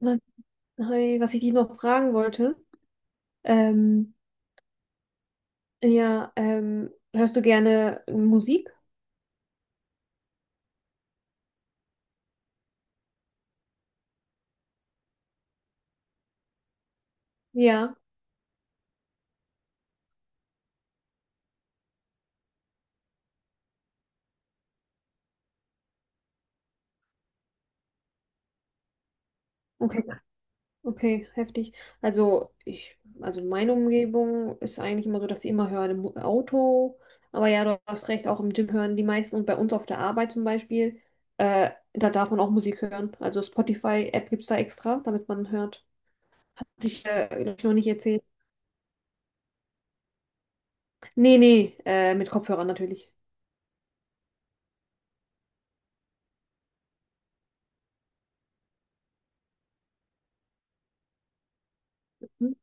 Was, hi, was ich dich noch fragen wollte, ähm, ja, hörst du gerne Musik? Ja, okay, okay, heftig. Also meine Umgebung ist eigentlich immer so, dass ich immer höre im Auto, aber ja, du hast recht, auch im Gym hören die meisten und bei uns auf der Arbeit zum Beispiel, da darf man auch Musik hören. Also Spotify-App gibt es da extra, damit man hört. Hab ich noch nicht erzählt. Nee, nee, mit Kopfhörern natürlich. Hm?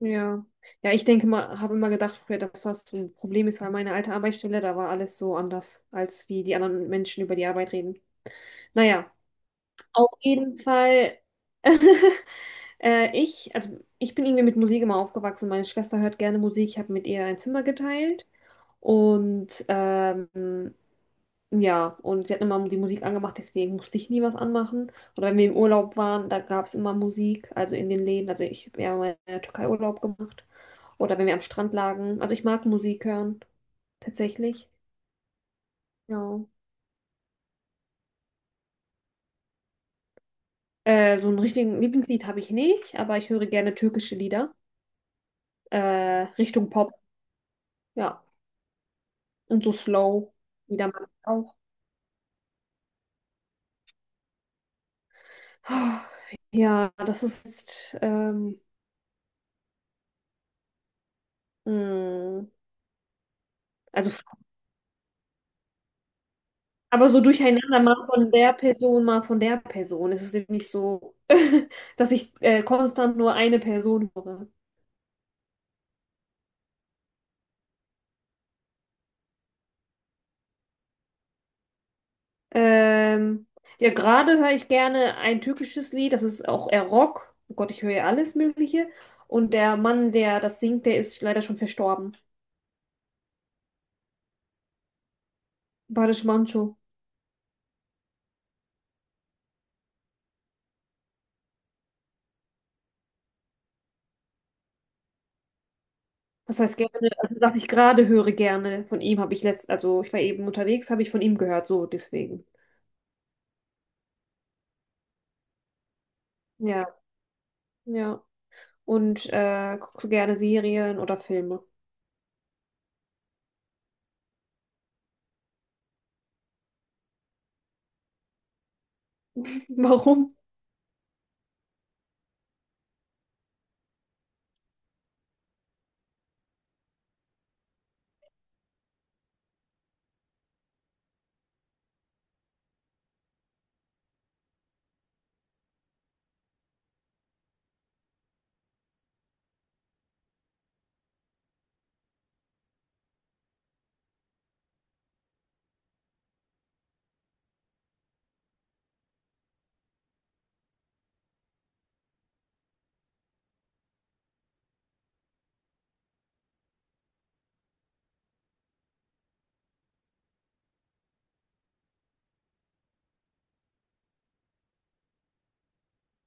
Ja. Ja, ich denke mal, habe immer gedacht früher, dass das so ein Problem ist, weil meine alte Arbeitsstelle, da war alles so anders, als wie die anderen Menschen über die Arbeit reden. Naja, auf jeden Fall. Also ich bin irgendwie mit Musik immer aufgewachsen. Meine Schwester hört gerne Musik. Ich habe mit ihr ein Zimmer geteilt. Und ähm, ja, und sie hat immer die Musik angemacht, deswegen musste ich nie was anmachen. Oder wenn wir im Urlaub waren, da gab es immer Musik, also in den Läden. Also ich habe ja mal in der Türkei Urlaub gemacht. Oder wenn wir am Strand lagen. Also ich mag Musik hören, tatsächlich. Ja. So einen richtigen Lieblingslied habe ich nicht, aber ich höre gerne türkische Lieder. Richtung Pop, ja. Und so Slow, Lieder mag ich auch. Ja, das ist jetzt, mh, also aber so durcheinander, mal von der Person, mal von der Person. Es ist eben nicht so, dass ich konstant nur eine Person höre. Ähm, ja, gerade höre ich gerne ein türkisches Lied, das ist auch eher Rock. Oh Gott, ich höre ja alles Mögliche. Und der Mann, der das singt, der ist leider schon verstorben. Barış Manço. Das heißt gerne, also was ich gerade höre gerne von ihm, habe ich letzt, also ich war eben unterwegs, habe ich von ihm gehört, so deswegen. Ja, ja. Und guckst du gerne Serien oder Filme? Warum?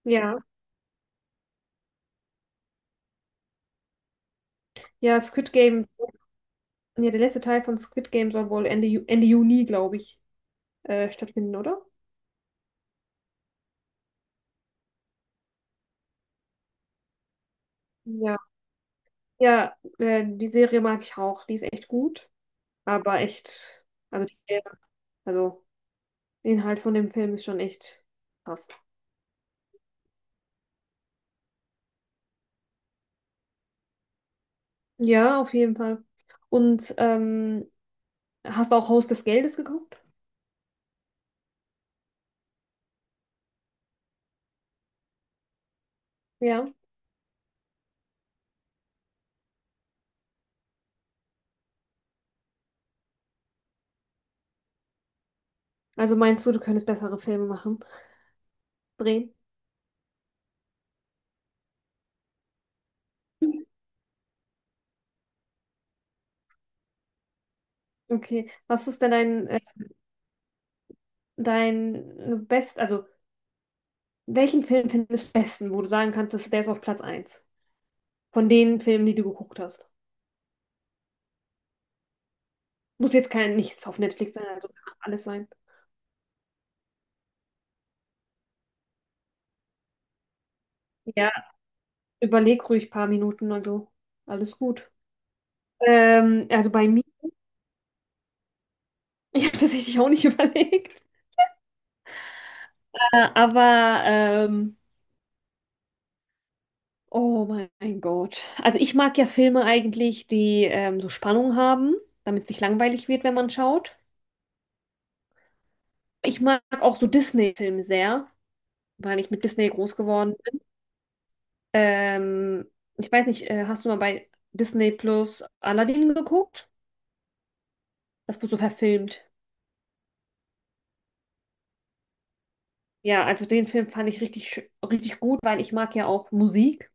Ja. Ja, Squid Game, ja, der letzte Teil von Squid Game soll wohl Ende Juni, glaube ich, stattfinden, oder? Ja. Ja, die Serie mag ich auch. Die ist echt gut, aber echt, also, die, also der Inhalt von dem Film ist schon echt krass. Ja, auf jeden Fall. Und ähm, Hast du auch Haus des Geldes geguckt? Ja. Also meinst du, du könntest bessere Filme machen? Drehen? Okay. Was ist denn dein, dein Best, also welchen Film findest du am besten, wo du sagen kannst, dass der ist auf Platz eins von den Filmen, die du geguckt hast. Muss jetzt kein nichts auf Netflix sein, also kann alles sein. Ja, überleg ruhig ein paar Minuten, also alles gut. Ähm, also bei mir, Ich habe tatsächlich auch nicht überlegt. Äh, Aber, ähm, oh mein Gott. Also ich mag ja Filme eigentlich, die so Spannung haben, damit es nicht langweilig wird, wenn man schaut. Ich mag auch so Disney-Filme sehr, weil ich mit Disney groß geworden. Ähm, Ich weiß nicht, hast du mal bei Disney Plus Aladdin geguckt? Das wurde so verfilmt. Ja, also den Film fand ich richtig gut, weil ich mag ja auch Musik.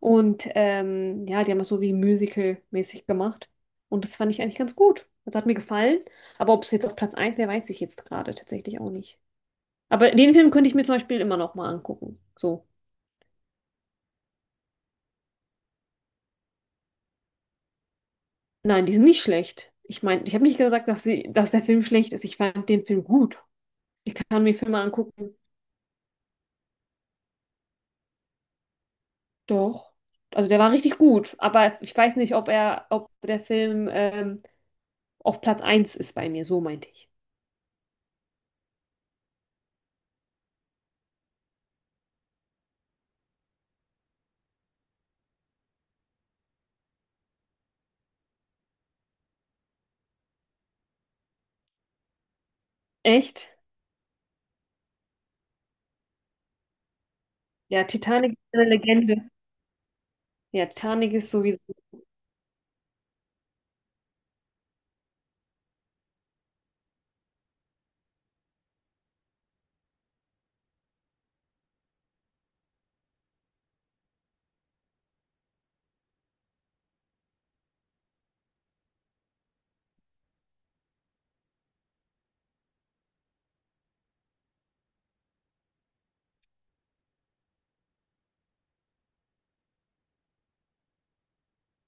Ja, die haben das so wie Musical-mäßig gemacht. Und das fand ich eigentlich ganz gut. Das hat mir gefallen. Aber ob es jetzt auf Platz eins wäre, weiß ich jetzt gerade tatsächlich auch nicht. Aber den Film könnte ich mir zum Beispiel immer noch mal angucken. So. Nein, die sind nicht schlecht. Ich meine, ich habe nicht gesagt, dass der Film schlecht ist. Ich fand den Film gut. Ich kann mir Filme angucken. Doch. Also der war richtig gut, aber ich weiß nicht, ob der Film auf Platz eins ist bei mir, so meinte ich. Echt? Ja, Titanic ist eine Legende. Ja, Titanic ist sowieso.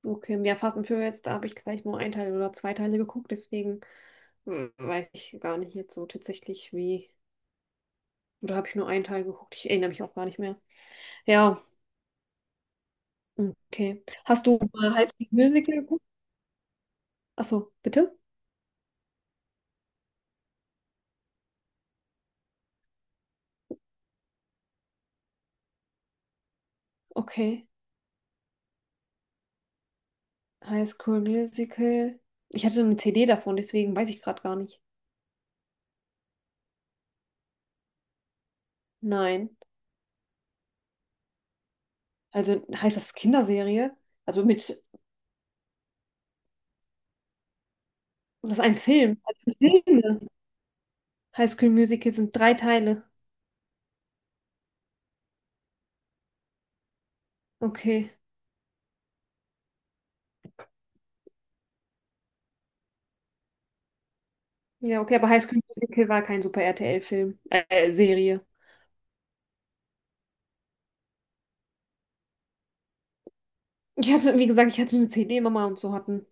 Okay, ja, Fast and Furious, da habe ich gleich nur ein Teil oder zwei Teile geguckt, deswegen weiß ich gar nicht jetzt so tatsächlich wie. Oder habe ich nur einen Teil geguckt? Ich erinnere mich auch gar nicht mehr. Ja, okay. Hast du mal High School Musical geguckt? Achso, bitte? Okay. High School Musical. Ich hatte eine CD davon, deswegen weiß ich gerade gar nicht. Nein. Also heißt das Kinderserie? Also mit, das ist ein Film. Also Filme. High School Musical sind drei Teile. Okay. Ja, okay, aber High School Musical war kein Super RTL-Film, Serie. Ich hatte, wie gesagt, ich hatte eine CD, Mama und so hatten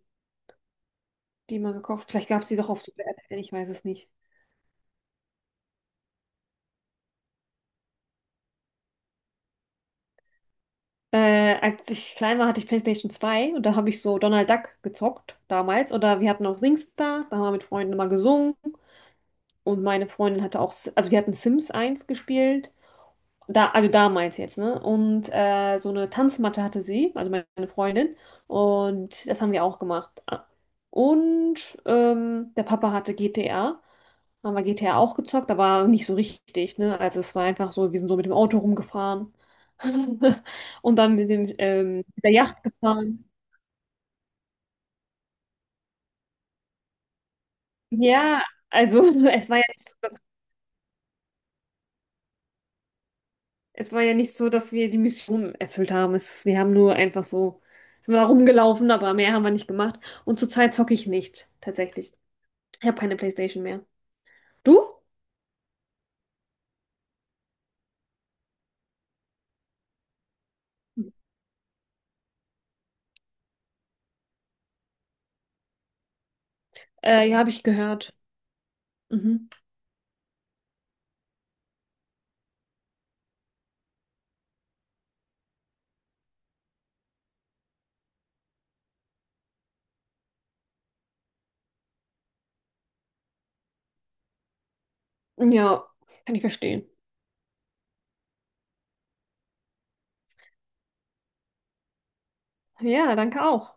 die mal gekauft. Vielleicht gab es die doch auf Super RTL, ich weiß es nicht. Als ich klein war, hatte ich PlayStation zwei und da habe ich so Donald Duck gezockt damals. Oder wir hatten auch SingStar, da haben wir mit Freunden immer gesungen. Und meine Freundin hatte auch, also wir hatten Sims eins gespielt, da, also damals jetzt, ne? Und so eine Tanzmatte hatte sie, also meine Freundin. Und das haben wir auch gemacht. Der Papa hatte GTA. Haben wir GTA auch gezockt, aber nicht so richtig, ne? Also es war einfach so, wir sind so mit dem Auto rumgefahren. Und dann mit dem, mit der Yacht gefahren. Ja, also es war ja nicht so. Es war ja nicht so, dass wir die Mission erfüllt haben. Wir haben nur einfach so, sind wir da rumgelaufen, aber mehr haben wir nicht gemacht. Und zurzeit zocke ich nicht, tatsächlich. Ich habe keine PlayStation mehr. Du? Ja, habe ich gehört. Mhm. Ja, kann ich verstehen. Ja, danke auch.